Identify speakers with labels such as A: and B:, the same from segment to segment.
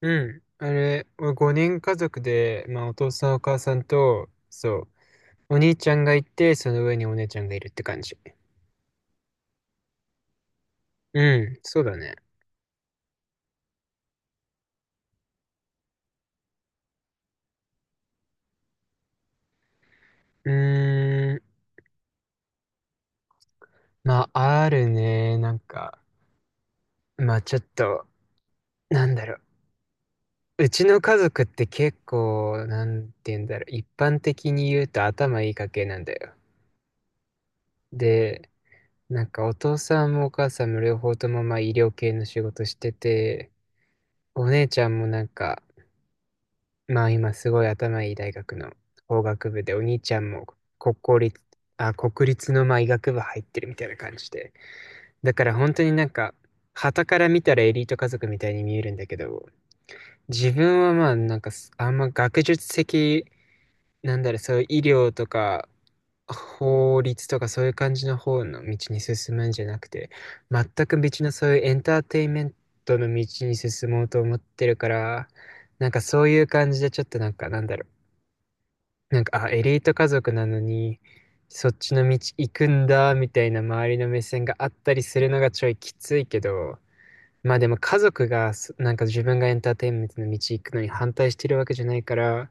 A: うん。あれ、5人家族で、まあ、お父さんお母さんと、そう、お兄ちゃんがいて、その上にお姉ちゃんがいるって感じ。うん、そうだね。うーん、まあ、あるね。なんか、まあ、ちょっと、なんだろう。うちの家族って結構、なんて言うんだろう。一般的に言うと頭いい家系なんだよ。で、なんかお父さんもお母さんも両方ともまあ医療系の仕事してて、お姉ちゃんもなんか、まあ今すごい頭いい大学の法学部で、お兄ちゃんも国公立、あ、国立のまあ医学部入ってるみたいな感じで。だから本当になんか、傍から見たらエリート家族みたいに見えるんだけど、自分はまあなんかあんま学術的、なんだろう、そういう医療とか、法律とかそういう感じの方の道に進むんじゃなくて、全く別のそういうエンターテインメントの道に進もうと思ってるから、なんかそういう感じでちょっとなんかなんだろう、なんか、あ、エリート家族なのに、そっちの道行くんだ、みたいな周りの目線があったりするのがちょいきついけど、まあでも家族がなんか自分がエンターテインメントの道行くのに反対してるわけじゃないから、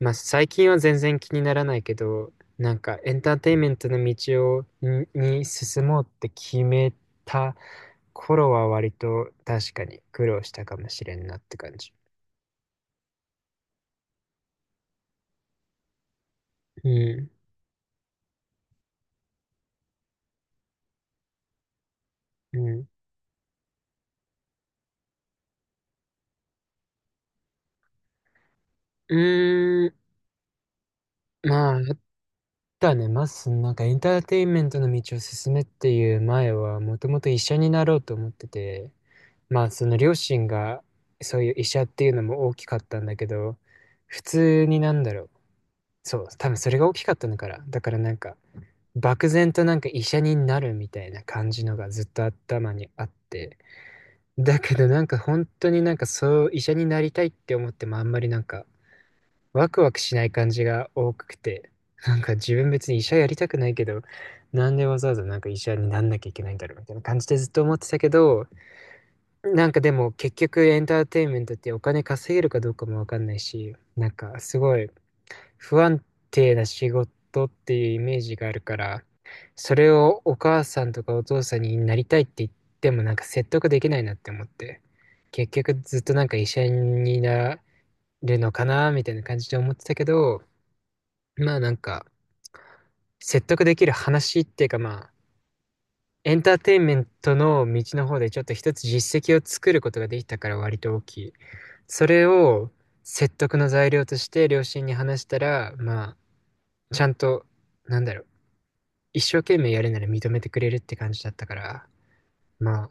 A: まあ最近は全然気にならないけど、なんかエンターテインメントの道に進もうって決めた頃は割と確かに苦労したかもしれんなって感じ。うん。うん。うーん。まあ、だね、まず、なんかエンターテインメントの道を進めっていう前は、もともと医者になろうと思ってて、まあ、その両親が、そういう医者っていうのも大きかったんだけど、普通になんだろう。そう、多分それが大きかったのから。だからなんか、漠然となんか医者になるみたいな感じのがずっと頭にあって。だけどなんか本当になんかそう、医者になりたいって思ってもあんまりなんか、ワクワクしない感じが多くて、なんか自分別に医者やりたくないけど、なんでわざわざなんか医者になんなきゃいけないんだろうみたいな感じでずっと思ってたけど、なんかでも結局エンターテインメントってお金稼げるかどうかもわかんないし、なんかすごい不安定な仕事っていうイメージがあるから、それをお母さんとかお父さんになりたいって言ってもなんか説得できないなって思って、結局ずっとなんか医者になれるのかなみたいな感じで思ってたけど、まあなんか、説得できる話っていうかまあ、エンターテインメントの道の方でちょっと一つ実績を作ることができたから割と大きい。それを説得の材料として両親に話したら、まあ、ちゃんと、なんだろう、一生懸命やるなら認めてくれるって感じだったから、まあ、っ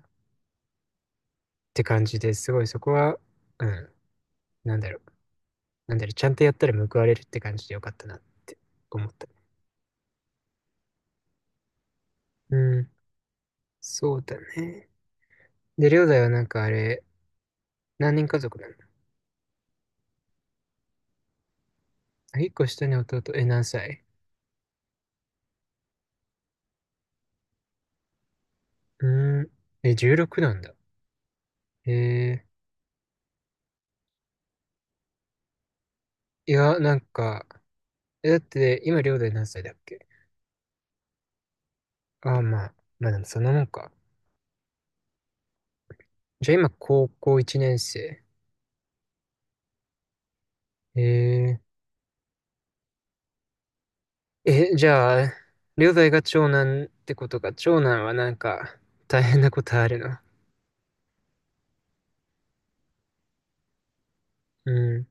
A: て感じですごいそこは、うん、なんだろう、なんだろう、ちゃんとやったら報われるって感じでよかったなって思った。うん、そうだね。で、りょうだいはなんかあれ、何人家族なんだ？あ、一個下に弟、え、何歳？うーん。え、16なんだ。えいや、なんか、え、だって、今、両弟何歳だっけ？あ、まあ、まあでもそんなもんか。じゃあ今、高校1年生。ええ、じゃあ、両弟が長男ってことか、長男はなんか、大変なことあるの？うん、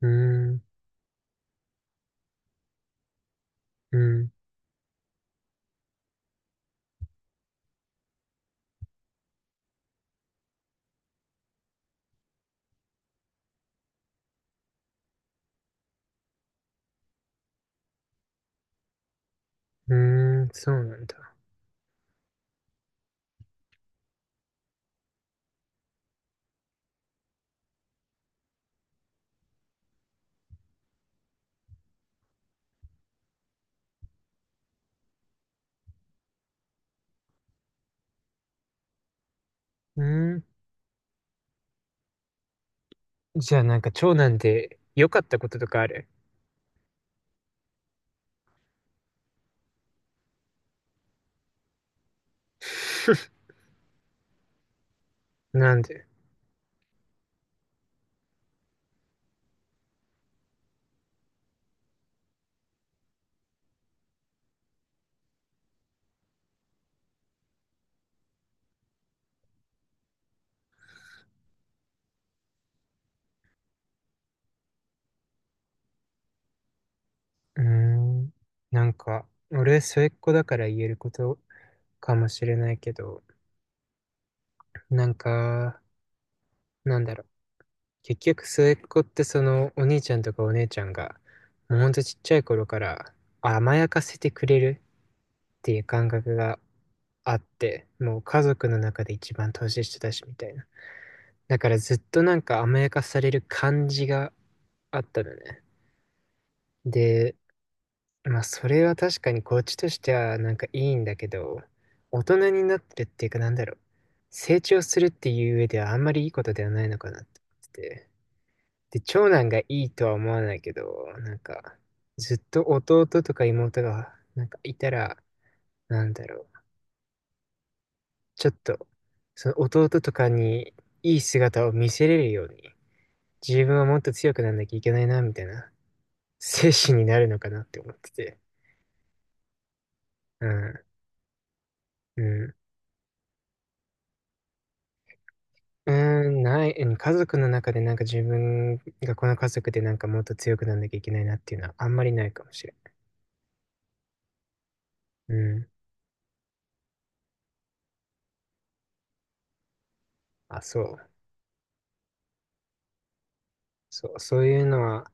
A: うん、うん、うん、そうなんだ。うん、じゃあなんか、長男で良かったこととかある？ なんで？うーん。なんか、俺、末っ子だから言えることかもしれないけど、なんか、なんだろう。結局、末っ子ってその、お兄ちゃんとかお姉ちゃんが、もうほんとちっちゃい頃から甘やかせてくれるっていう感覚があって、もう家族の中で一番年下だし、みたいな。だからずっとなんか甘やかされる感じがあったのね。で、まあ、それは確かにこっちとしてはなんかいいんだけど、大人になってるっていうかなんだろう。成長するっていう上ではあんまりいいことではないのかなって思ってて。で、長男がいいとは思わないけど、なんか、ずっと弟とか妹がなんかいたら、なんだろう。ちょっと、その弟とかにいい姿を見せれるように、自分はもっと強くなんなきゃいけないな、みたいな精神になるのかなって思ってて。うん。うん。うーん、ない、うん、家族の中でなんか自分がこの家族でなんかもっと強くなんなきゃいけないなっていうのはあんまりないかもしれん。うん。あ、そう。そう、そういうのは、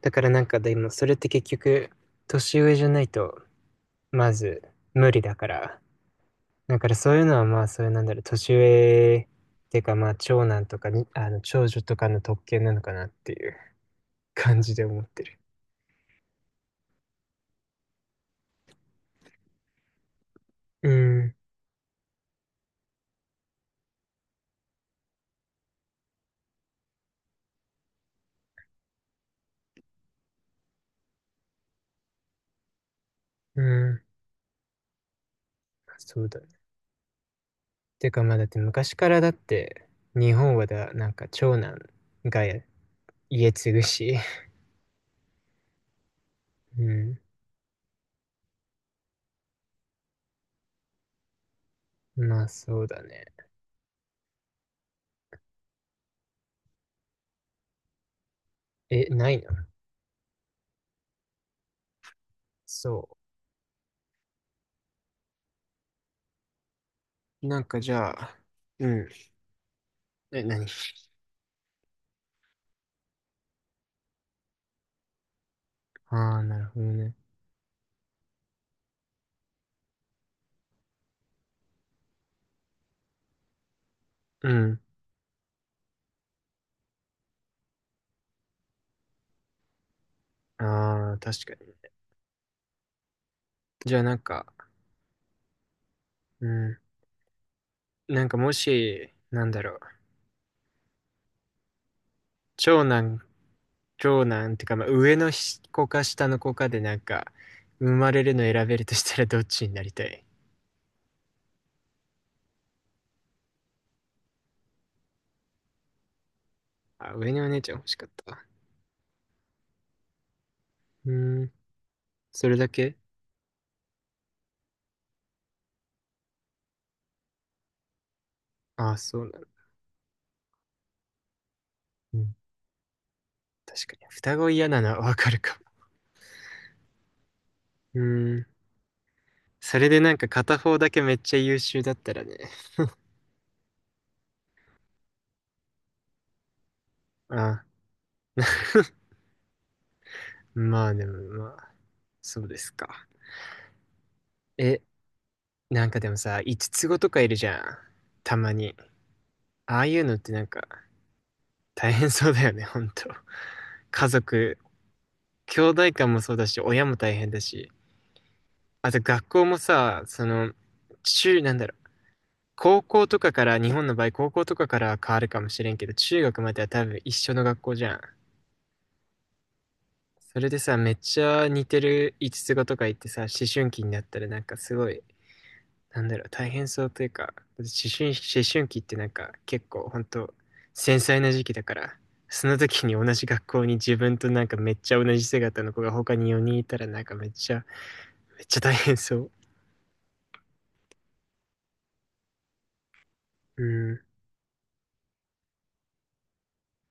A: だからなんかでもそれって結局、年上じゃないと、まず無理だから。だからそういうのはまあ、そういうなんだろう、年上っていうかまあ、長男とかに、あの、長女とかの特権なのかなっていう感じで思ってる。うん、うん、そうだね。てかまあだって昔からだって日本はだなんか長男が家継ぐし、うん、まあそうだね。え、ないの？そう。なんかじゃあ、うん。え、何？ああ、なるほどね。うん。ああ、確かに。じゃあなんか、うん。なんかもし、なんだろう。長男、長男ってか、まあ、上の子か下の子かでなんか、生まれるの選べるとしたらどっちになりたい？あ、上のお姉ちゃん欲しかった。うん。それだけ？ああ、そうなの。うん。確かに。双子嫌なのはわかるかも。うーん。それでなんか片方だけめっちゃ優秀だったらね。ああ、まあでもまあ、そうですか。え、なんかでもさ、五つ子とかいるじゃん。たまに。ああいうのってなんか大変そうだよね、ほんと。家族、兄弟間もそうだし、親も大変だし。あと学校もさ、その、なんだろう高校とかから、日本の場合、高校とかからは変わるかもしれんけど、中学までは多分一緒の学校じゃん。それでさ、めっちゃ似てる五つ子とか言ってさ、思春期になったらなんかすごい、なんだろう、大変そうというか、思春期ってなんか結構ほんと繊細な時期だから、その時に同じ学校に自分となんかめっちゃ同じ姿の子が他に4人いたらなんかめっちゃ、めっちゃ大変そう。うん。